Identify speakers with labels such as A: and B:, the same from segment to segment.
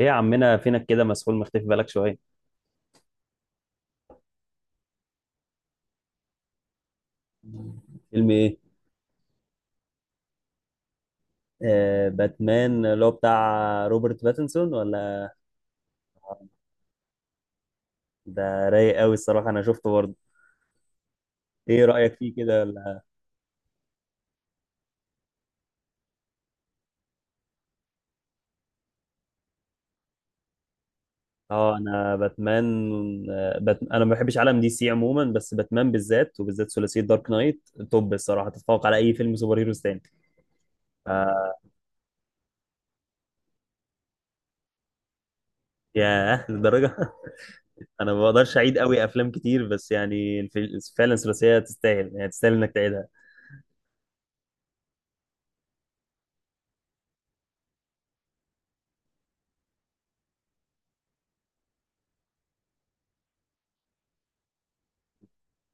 A: ايه يا عمنا، فينك كده؟ مسحول، مختفي بالك شويه. فيلم ايه؟ آه، باتمان اللي هو بتاع روبرت باتنسون ولا؟ ده رايق قوي الصراحه، انا شفته برضه. ايه رايك فيه كده ولا؟ اه، انا باتمان. انا ما بحبش عالم دي سي عموما، بس باتمان بالذات، وبالذات ثلاثيه دارك نايت توب الصراحه، تتفوق على اي فيلم سوبر هيروز تاني. ف... ياه، للدرجه. انا ما بقدرش اعيد قوي افلام كتير، بس يعني فعلا ثلاثيه تستاهل، يعني تستاهل انك تعيدها.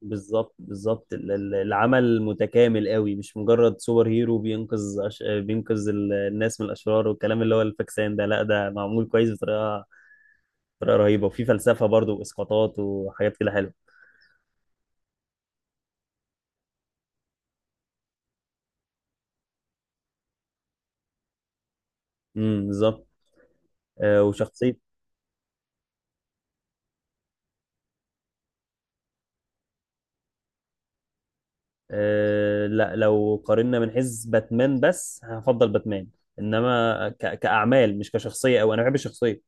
A: بالظبط بالظبط، العمل متكامل قوي، مش مجرد سوبر هيرو بينقذ الناس من الأشرار والكلام اللي هو الفاكسان ده. لا ده معمول كويس بطريقة رهيبة، وفي فلسفة برضو وإسقاطات وحاجات كده حلوة. بالظبط. وشخصية. لا، لو قارنا من حيث باتمان بس هفضل باتمان، إنما كأعمال مش كشخصية. أو أنا بحب الشخصية،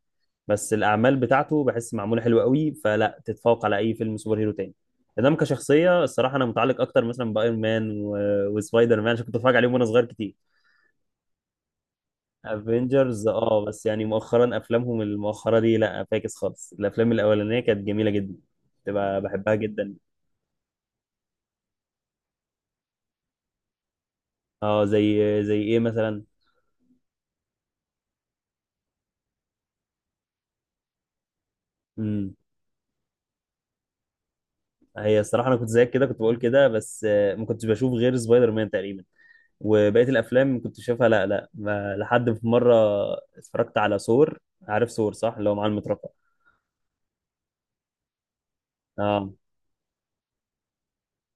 A: بس الاعمال بتاعته بحس معموله حلوه قوي فلا تتفوق على اي فيلم سوبر هيرو تاني. انما كشخصيه الصراحه انا متعلق اكتر مثلا بايرون مان و... وسبايدر مان، عشان كنت بتفرج عليهم وانا صغير كتير. افنجرز اه، بس يعني مؤخرا افلامهم المؤخره دي لا فاكس خالص، الافلام الاولانيه كانت جميله جدا، تبقى بحبها جدا. اه، زي ايه مثلا؟ امم هي الصراحه، انا كنت زيك كده، كنت بقول كده، بس ما كنتش بشوف غير سبايدر مان تقريبا، وبقيه الافلام كنت شايفها لا، لا، ما لحد في مره اتفرجت على ثور. عارف ثور صح اللي هو معاه المطرقه؟ اه.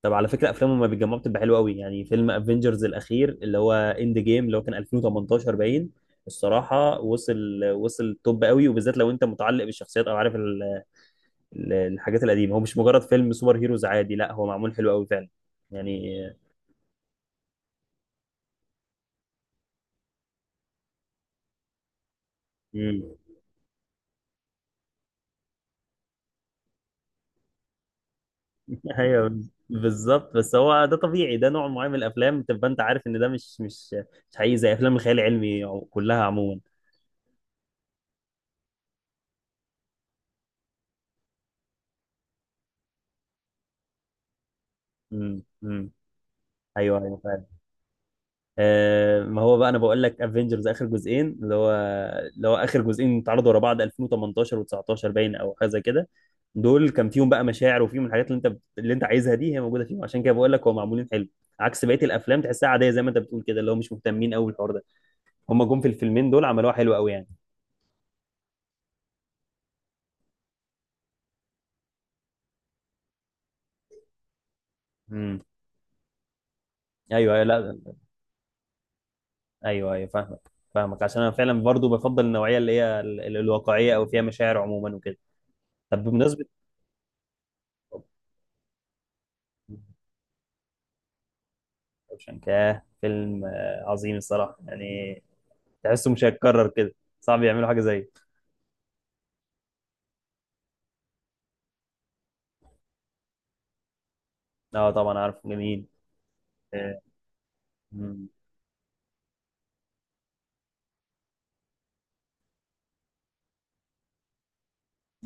A: طب على فكره افلامه ما بيتجمعوا بتبقى حلوه قوي، يعني فيلم افنجرز الاخير اللي هو اند جيم اللي هو كان 2018 باين، الصراحه وصل وصل توب قوي، وبالذات لو انت متعلق بالشخصيات او عارف الحاجات القديمه. هو مش مجرد فيلم سوبر هيروز عادي، لا هو معمول حلو قوي فعلا يعني. مم. ايوه بالظبط، بس هو ده طبيعي، ده نوع معين من الافلام، تبقى انت عارف ان ده مش حقيقي، زي افلام الخيال العلمي كلها عموما. امم امم ايوه ايوه فعلا. ما هو بقى، انا بقول لك افنجرز اخر جزئين اللي هو اخر جزئين اتعرضوا ورا بعض 2018 و19 باين او حاجه زي كده، دول كان فيهم بقى مشاعر وفيهم الحاجات اللي انت عايزها دي هي موجوده فيهم، عشان كده بقول لك هو معمولين حلو، عكس بقيه الافلام تحسها عاديه زي ما انت بتقول كده اللي هو مش مهتمين قوي بالحوار ده، هم جم في الفيلمين دول عملوها حلو قوي يعني. امم، ايوه أيوة، لا، ايوه ايوه فاهمك فاهمك، عشان انا فعلا برضو بفضل النوعيه اللي هي الواقعيه او فيها مشاعر عموما وكده. طب بمناسبه. شانكاه فيلم عظيم الصراحه يعني، تحسه مش هيتكرر كده، صعب يعملوا حاجه زيه. اه طبعا، عارفه جميل. اه. مم.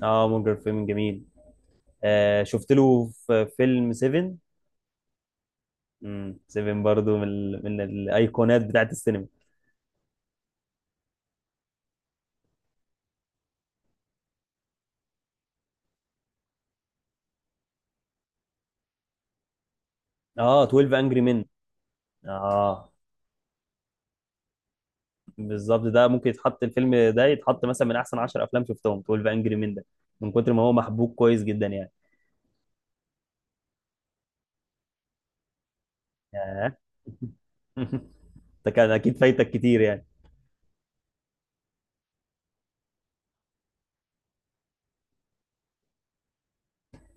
A: مونجر فيلم جميل. شفت له في فيلم 7. 7 برضو من الايقونات بتاعت السينما. اه، 12 انجري مين. اه، بالظبط، ده ممكن يتحط الفيلم ده، يتحط مثلا من احسن 10 افلام شفتهم 12 انجري مين ده، من كتر ما هو محبوك كويس جدا يعني. ياه. ده كان اكيد فايتك كتير يعني.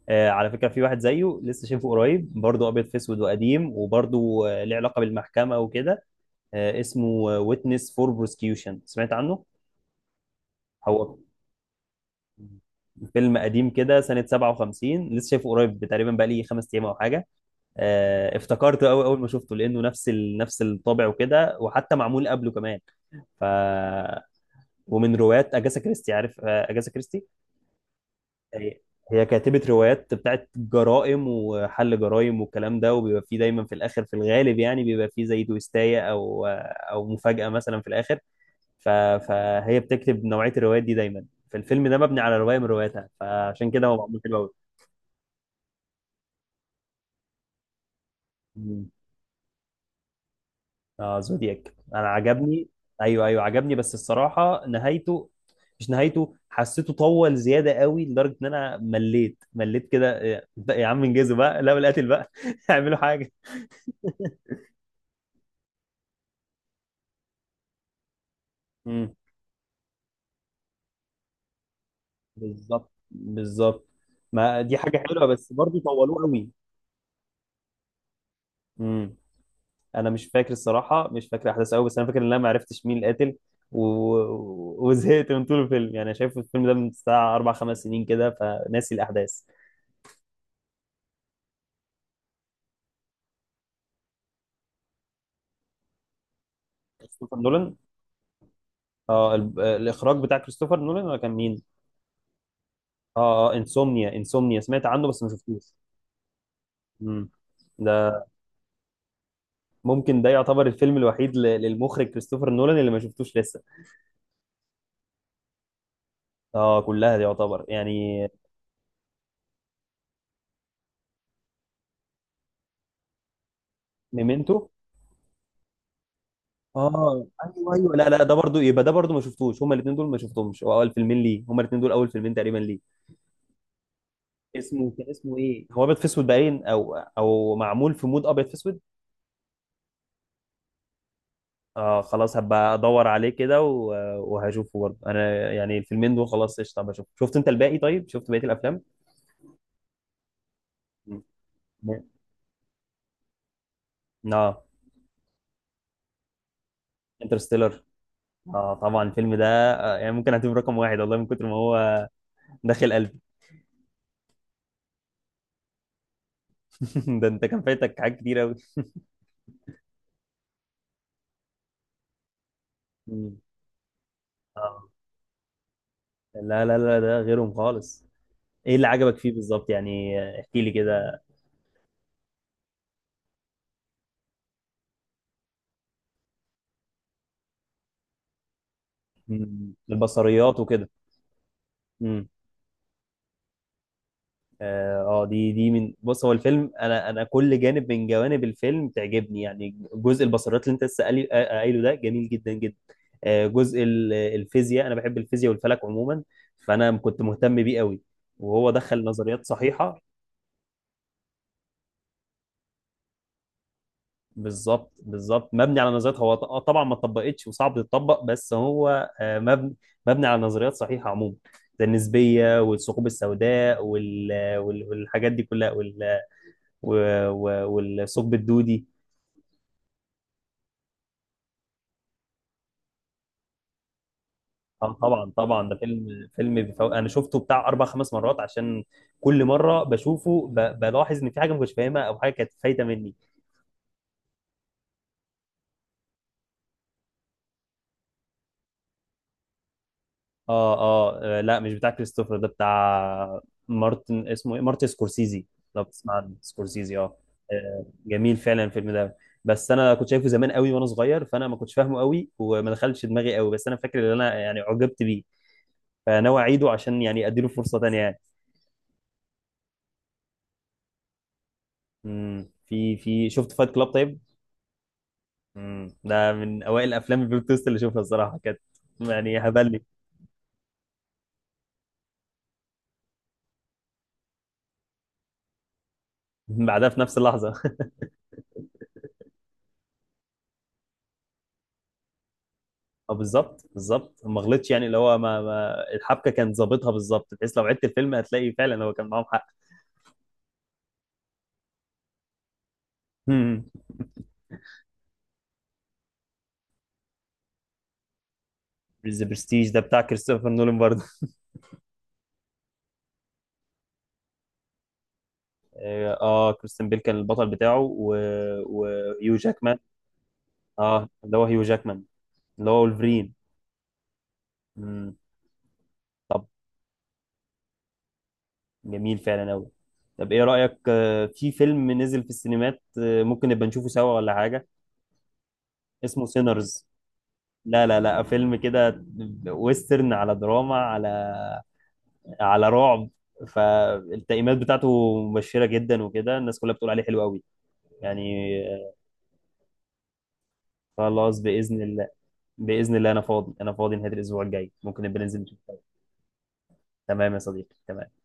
A: على فكره، في واحد زيه لسه شايفه قريب، برضه ابيض في اسود وقديم، وبرضه ليه علاقه بالمحكمه وكده. اسمه ويتنس فور بروسكيوشن، سمعت عنه؟ هو فيلم قديم كده سنه 57، لسه شايفه قريب تقريبا، بقى لي 5 ايام او حاجه. افتكرته قوي اول ما شفته، لانه نفس الطابع وكده، وحتى معمول قبله كمان. ف ومن روايات اجاسا كريستي. عارف اجاسا كريستي؟ هي هي كاتبة روايات بتاعت جرائم وحل جرائم والكلام ده، وبيبقى فيه دايما في الاخر، في الغالب يعني، بيبقى فيه زي تويستاية او مفاجأة مثلا في الاخر، ف... فهي بتكتب نوعية الروايات دي دايما، فالفيلم ده مبني على رواية من رواياتها، فعشان كده هو معمول حلو قوي. اه زودياك انا عجبني. ايوه ايوه عجبني، بس الصراحه نهايته، مش نهايته حسيته طول زياده قوي، لدرجه ان انا مليت مليت كده، إيه، يا عم انجزوا بقى، لا بالقاتل بقى. اعملوا حاجه. امم بالظبط بالظبط، ما دي حاجه حلوه، بس برضه طولوه قوي. امم انا مش فاكر الصراحه، مش فاكر احداث قوي، بس انا فاكر ان انا ما عرفتش مين القاتل، و... وزهقت من طول الفيلم، يعني شايف الفيلم ده من ساعه اربع خمس سنين كده، فناسي الاحداث. كريستوفر نولان. اه، الاخراج بتاع كريستوفر نولان، ولا كان مين؟ اه اه، انسومنيا انسومنيا سمعت عنه، بس ما شفتوش. امم ده. ممكن ده يعتبر الفيلم الوحيد للمخرج كريستوفر نولان اللي ما شفتوش لسه. اه كلها دي يعتبر يعني. ميمنتو. اه ايوه ايوه، لا لا، ده برضو يبقى، ده برضو ما شفتوش، هما الاثنين دول ما شفتهمش، هو اول فيلمين ليه، هما الاثنين دول اول فيلمين تقريبا ليه. اسمه كان اسمه ايه، هو ابيض في اسود باين او او معمول في مود ابيض في اسود. اه خلاص هبقى ادور عليه كده وهشوفه برضه انا، يعني الفيلمين دول خلاص قشطه بشوف. شفت انت الباقي طيب؟ شفت بقيه الافلام؟ نعم. اه، انترستيلر. اه طبعا الفيلم ده، يعني ممكن اعتبره رقم واحد والله، من كتر ما هو داخل قلبي. ده انت كان فايتك حاجات كتير قوي. مم. اه، لا لا لا، ده غيرهم خالص. ايه اللي عجبك فيه بالظبط يعني؟ احكي لي كده. مم. البصريات وكده. اه، دي من بص، هو الفيلم، انا كل جانب من جوانب الفيلم تعجبني، يعني جزء البصريات اللي انت لسه قايله ده، جميل جدا جدا. جزء الفيزياء، انا بحب الفيزياء والفلك عموما، فانا كنت مهتم بيه قوي، وهو دخل نظريات صحيحه. بالظبط بالظبط، مبني على نظريات، هو طبعا ما اتطبقتش وصعب تتطبق، بس هو مبني على نظريات صحيحه عموما، زي النسبيه والثقوب السوداء والحاجات دي كلها والثقب الدودي. طبعا طبعا، ده فيلم بيفوق. انا شفته بتاع اربع خمس مرات، عشان كل مره بشوفه بلاحظ ان في حاجه ما كنتش فاهمها او حاجه كانت فايته مني. لا، مش بتاع كريستوفر، ده بتاع مارتن، اسمه ايه، مارتن سكورسيزي. لو بتسمع عن سكورسيزي. اه. جميل فعلا الفيلم ده، بس انا كنت شايفه زمان قوي وانا صغير، فانا ما كنتش فاهمه قوي وما دخلش دماغي قوي، بس انا فاكر ان انا يعني عجبت بيه، فناوي اعيده عشان يعني اديله فرصه تانيه يعني. مم. في شفت فايت كلاب طيب؟ مم. ده من اوائل الافلام البلوت تويست اللي اشوفها، الصراحه كانت يعني هبلني. بعدها في نفس اللحظه. اه بالظبط بالظبط، ما غلطش يعني اللي هو، ما الحبكه كانت ظابطها بالظبط، بحيث لو عدت الفيلم هتلاقي فعلا هو كان معاهم حق. مم. ذا برستيج ده بتاع كريستوفر نولان برضه. اه، كريستيان بيل كان البطل بتاعه وهيو جاكمان. اه اللي هو هيو جاكمان، اللي هو ولفرين. مم. طب جميل فعلا قوي. طب ايه رايك في فيلم نزل في السينمات، ممكن نبقى نشوفه سوا ولا حاجه؟ اسمه سينرز. لا لا لا، فيلم كده ويسترن على دراما على على رعب، فالتقييمات بتاعته مبشرة جدا وكده، الناس كلها بتقول عليه حلو قوي يعني. خلاص بإذن الله. بإذن الله أنا فاضي، أنا فاضي نهاية الأسبوع الجاي، ممكن نبقى ننزل نشوف. تمام يا صديقي تمام.